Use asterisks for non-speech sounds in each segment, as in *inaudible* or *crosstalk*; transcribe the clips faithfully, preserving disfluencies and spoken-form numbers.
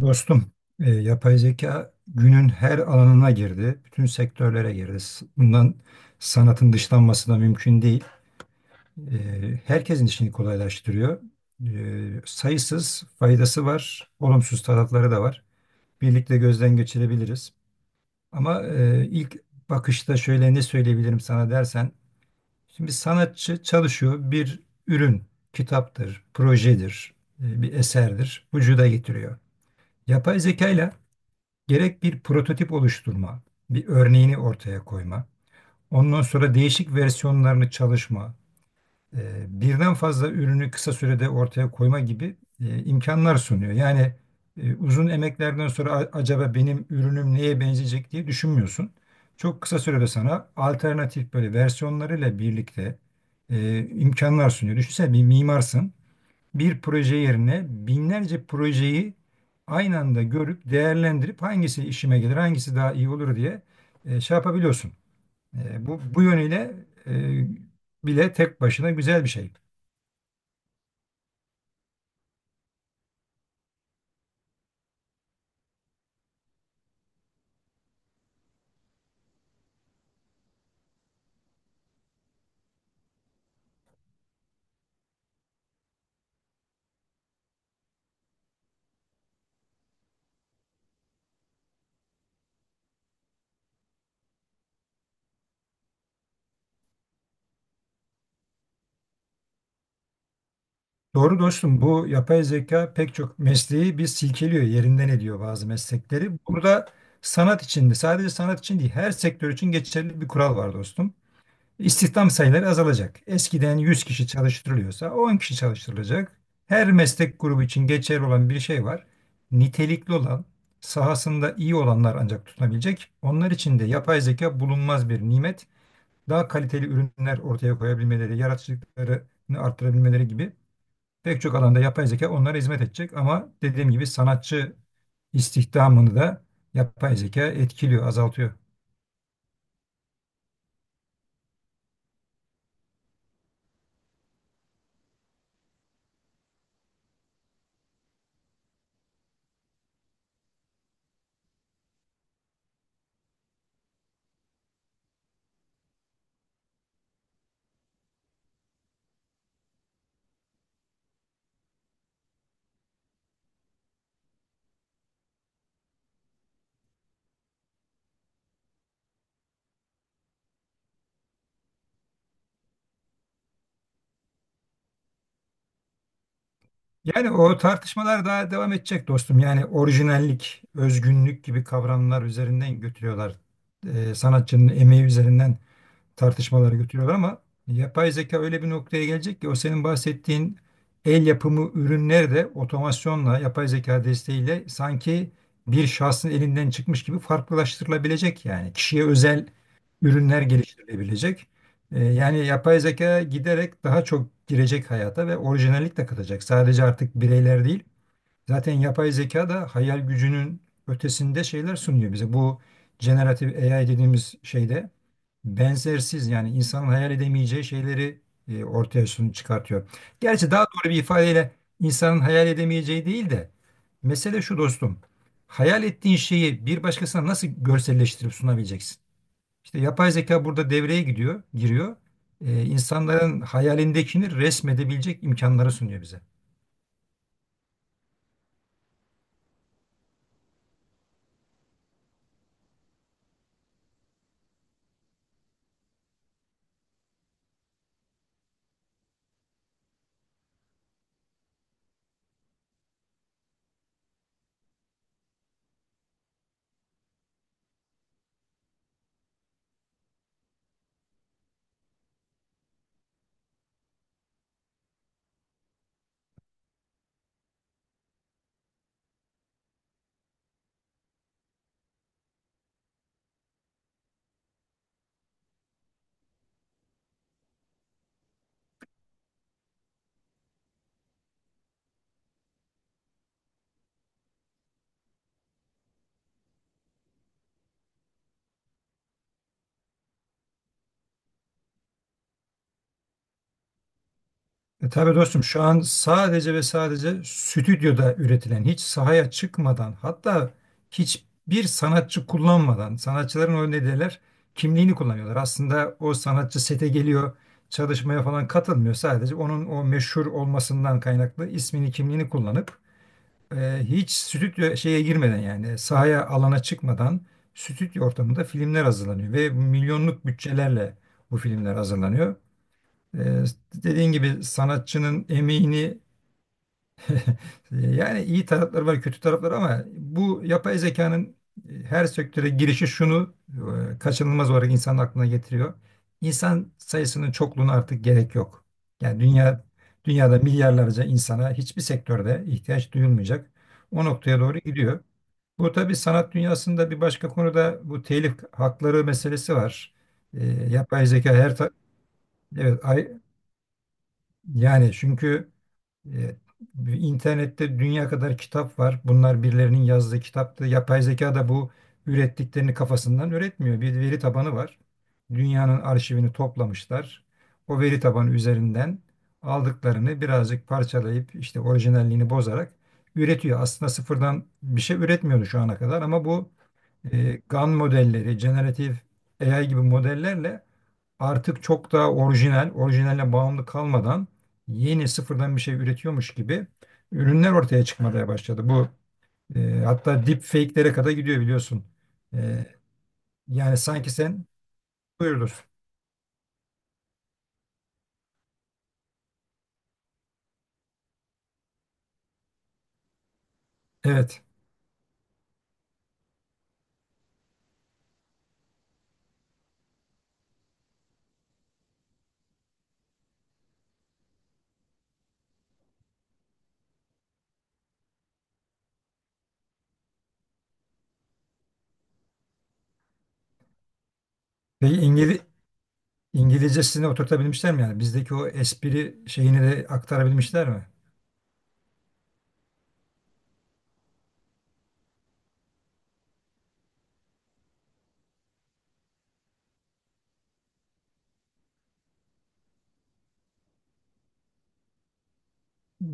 Dostum, e, yapay zeka günün her alanına girdi, bütün sektörlere girdi. S- Bundan sanatın dışlanması da mümkün değil. E, Herkesin işini kolaylaştırıyor. E, sayısız faydası var, olumsuz tarafları da var. Birlikte gözden geçirebiliriz. Ama e, ilk bakışta şöyle ne söyleyebilirim sana dersen, şimdi sanatçı çalışıyor, bir ürün, kitaptır, projedir, e, bir eserdir, vücuda getiriyor. Yapay zekayla gerek bir prototip oluşturma, bir örneğini ortaya koyma, ondan sonra değişik versiyonlarını çalışma, e, birden fazla ürünü kısa sürede ortaya koyma gibi e, imkanlar sunuyor. Yani e, uzun emeklerden sonra, "A- acaba benim ürünüm neye benzeyecek?" diye düşünmüyorsun. Çok kısa sürede sana alternatif, böyle versiyonlarıyla birlikte e, imkanlar sunuyor. Düşünsene, bir mimarsın, bir proje yerine binlerce projeyi aynı anda görüp değerlendirip hangisi işime gelir, hangisi daha iyi olur diye e, şey yapabiliyorsun. E, bu, bu yönüyle e, bile tek başına güzel bir şey. Doğru dostum, bu yapay zeka pek çok mesleği bir silkeliyor, yerinden ediyor bazı meslekleri. Burada sanat için de, sadece sanat için değil, her sektör için geçerli bir kural var dostum. İstihdam sayıları azalacak. Eskiden yüz kişi çalıştırılıyorsa on kişi çalıştırılacak. Her meslek grubu için geçerli olan bir şey var. Nitelikli olan, sahasında iyi olanlar ancak tutunabilecek. Onlar için de yapay zeka bulunmaz bir nimet. Daha kaliteli ürünler ortaya koyabilmeleri, yaratıcılıklarını arttırabilmeleri gibi pek çok alanda yapay zeka onlara hizmet edecek. Ama dediğim gibi sanatçı istihdamını da yapay zeka etkiliyor, azaltıyor. Yani o tartışmalar daha devam edecek dostum. Yani orijinallik, özgünlük gibi kavramlar üzerinden götürüyorlar. Ee, sanatçının emeği üzerinden tartışmalar götürüyorlar, ama yapay zeka öyle bir noktaya gelecek ki, o senin bahsettiğin el yapımı ürünler de otomasyonla, yapay zeka desteğiyle sanki bir şahsın elinden çıkmış gibi farklılaştırılabilecek, yani kişiye özel ürünler geliştirilebilecek. Ee, yani yapay zeka giderek daha çok girecek hayata ve orijinallik de katacak. Sadece artık bireyler değil, zaten yapay zeka da hayal gücünün ötesinde şeyler sunuyor bize. Bu generatif A I dediğimiz şeyde benzersiz, yani insanın hayal edemeyeceği şeyleri e, ortaya sun çıkartıyor. Gerçi daha doğru bir ifadeyle, insanın hayal edemeyeceği değil de, mesele şu dostum. Hayal ettiğin şeyi bir başkasına nasıl görselleştirip sunabileceksin? İşte yapay zeka burada devreye gidiyor, giriyor. E, insanların hayalindekini resmedebilecek imkanları sunuyor bize. E tabii dostum, şu an sadece ve sadece stüdyoda üretilen, hiç sahaya çıkmadan, hatta hiçbir sanatçı kullanmadan, sanatçıların o ne derler, kimliğini kullanıyorlar. Aslında o sanatçı sete geliyor, çalışmaya falan katılmıyor, sadece onun o meşhur olmasından kaynaklı ismini, kimliğini kullanıp e, hiç stüdyo şeye girmeden, yani sahaya, alana çıkmadan, stüdyo ortamında filmler hazırlanıyor ve milyonluk bütçelerle bu filmler hazırlanıyor. Ee, Dediğin gibi sanatçının emeğini e, yani iyi tarafları var, kötü tarafları, ama bu yapay zekanın e, her sektöre girişi şunu e, kaçınılmaz olarak insanın aklına getiriyor. İnsan sayısının çokluğuna artık gerek yok. Yani dünya dünyada milyarlarca insana hiçbir sektörde ihtiyaç duyulmayacak. O noktaya doğru gidiyor. Bu tabii sanat dünyasında bir başka konuda, bu telif hakları meselesi var. Ee, yapay zeka her ta- Evet. Yani çünkü e, internette dünya kadar kitap var. Bunlar birilerinin yazdığı kitaptı. Yapay zeka da bu ürettiklerini kafasından üretmiyor. Bir veri tabanı var. Dünyanın arşivini toplamışlar. O veri tabanı üzerinden aldıklarını birazcık parçalayıp, işte orijinalliğini bozarak üretiyor. Aslında sıfırdan bir şey üretmiyordu şu ana kadar, ama bu e, GAN modelleri, generative A I gibi modellerle artık çok daha orijinal, orijinaline bağımlı kalmadan, yeni sıfırdan bir şey üretiyormuş gibi ürünler ortaya çıkmaya başladı. Bu e, hatta deepfake'lere kadar gidiyor biliyorsun. E, Yani sanki sen buyurdur. Evet. Ve İngili İngilizcesine oturtabilmişler mi yani? Bizdeki o espri şeyini de aktarabilmişler mi?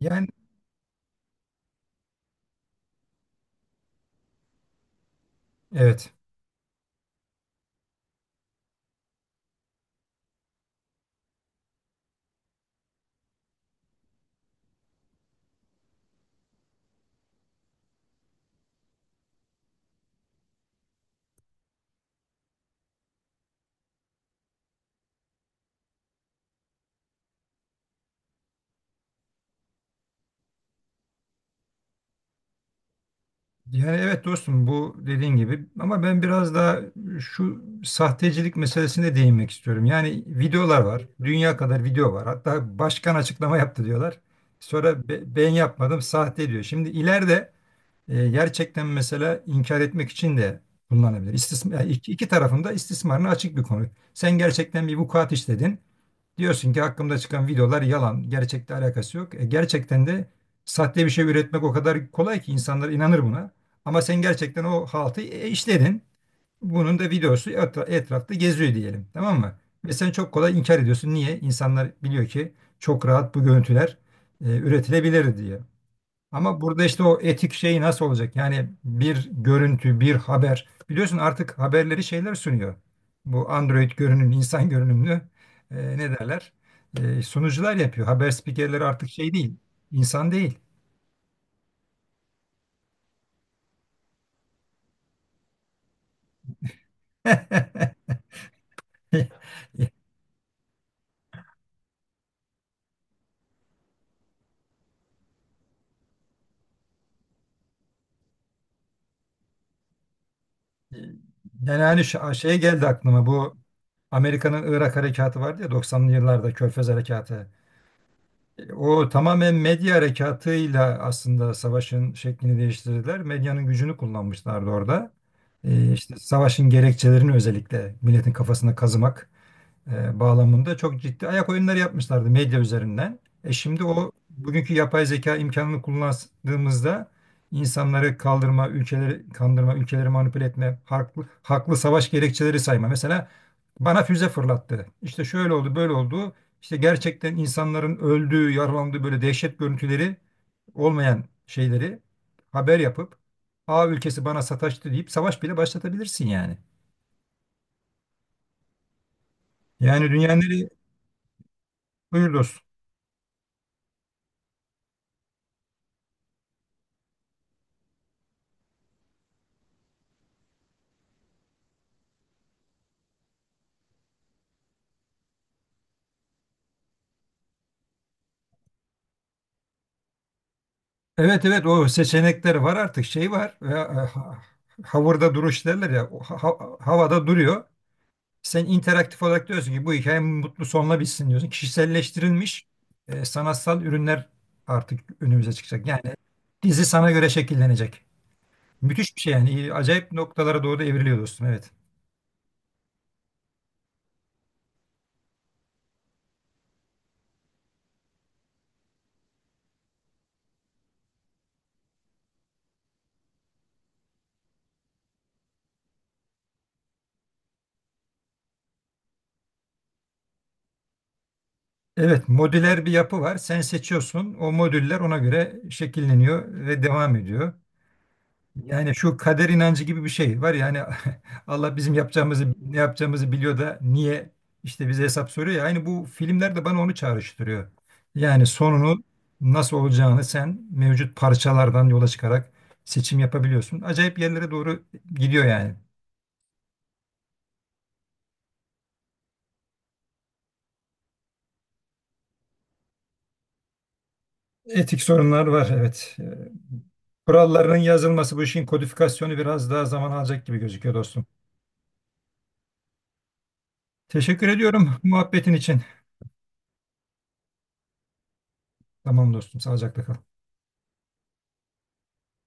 Yani evet. Yani evet dostum, bu dediğin gibi, ama ben biraz daha şu sahtecilik meselesine değinmek istiyorum. Yani videolar var. Dünya kadar video var. Hatta başkan açıklama yaptı diyorlar. Sonra be- ben yapmadım, sahte diyor. Şimdi ileride e, gerçekten mesela inkar etmek için de kullanabilir. İstismar, iki, iki tarafın da istismarına açık bir konu. Sen gerçekten bir vukuat işledin. Diyorsun ki hakkımda çıkan videolar yalan, gerçekle alakası yok. E, gerçekten de sahte bir şey üretmek o kadar kolay ki, insanlar inanır buna. Ama sen gerçekten o haltı e, işledin. Bunun da videosu etra- etrafta geziyor diyelim, tamam mı? Ve sen çok kolay inkar ediyorsun. Niye? İnsanlar biliyor ki çok rahat bu görüntüler e, üretilebilir diye. Ama burada işte o etik şey nasıl olacak? Yani bir görüntü, bir haber. Biliyorsun artık haberleri şeyler sunuyor. Bu Android görünümlü, insan görünümlü, e, ne derler, E, sunucular yapıyor. Haber spikerleri artık şey değil, insan değil. *laughs* Yani hani, ş- şey geldi aklıma, bu Amerika'nın Irak harekatı vardı ya, doksanlı yıllarda, Körfez harekatı. O tamamen medya harekatıyla aslında savaşın şeklini değiştirdiler. Medyanın gücünü kullanmışlardı orada. Ee, işte savaşın gerekçelerini özellikle milletin kafasına kazımak e, bağlamında çok ciddi ayak oyunları yapmışlardı medya üzerinden. E şimdi o bugünkü yapay zeka imkanını kullandığımızda insanları kaldırma, ülkeleri kandırma, ülkeleri manipüle etme, haklı, haklı savaş gerekçeleri sayma. Mesela bana füze fırlattı, İşte şöyle oldu, böyle oldu. İşte gerçekten insanların öldüğü, yaralandığı böyle dehşet görüntüleri, olmayan şeyleri haber yapıp, A ülkesi bana sataştı deyip savaş bile başlatabilirsin yani. Yani dünyanın nereye- Buyur dostum. Evet, evet, o seçenekler var artık, şey var. Ve, e, ha- havurda duruş derler ya, o ha- ha- havada duruyor. Sen interaktif olarak diyorsun ki bu hikaye mutlu sonla bitsin diyorsun. Kişiselleştirilmiş e, sanatsal ürünler artık önümüze çıkacak. Yani dizi sana göre şekillenecek. Müthiş bir şey yani. İyi, acayip noktalara doğru da evriliyor dostum. Evet. Evet, modüler bir yapı var. Sen seçiyorsun. O modüller ona göre şekilleniyor ve devam ediyor. Yani şu kader inancı gibi bir şey var ya hani, *laughs* Allah bizim yapacağımızı, ne yapacağımızı biliyor da niye işte bize hesap soruyor ya. Aynı bu filmler de bana onu çağrıştırıyor. Yani sonunu, nasıl olacağını sen mevcut parçalardan yola çıkarak seçim yapabiliyorsun. Acayip yerlere doğru gidiyor yani. Etik sorunlar var evet. Ee, Kurallarının yazılması, bu işin kodifikasyonu biraz daha zaman alacak gibi gözüküyor dostum. Teşekkür ediyorum muhabbetin için. Tamam dostum, sağlıcakla kal.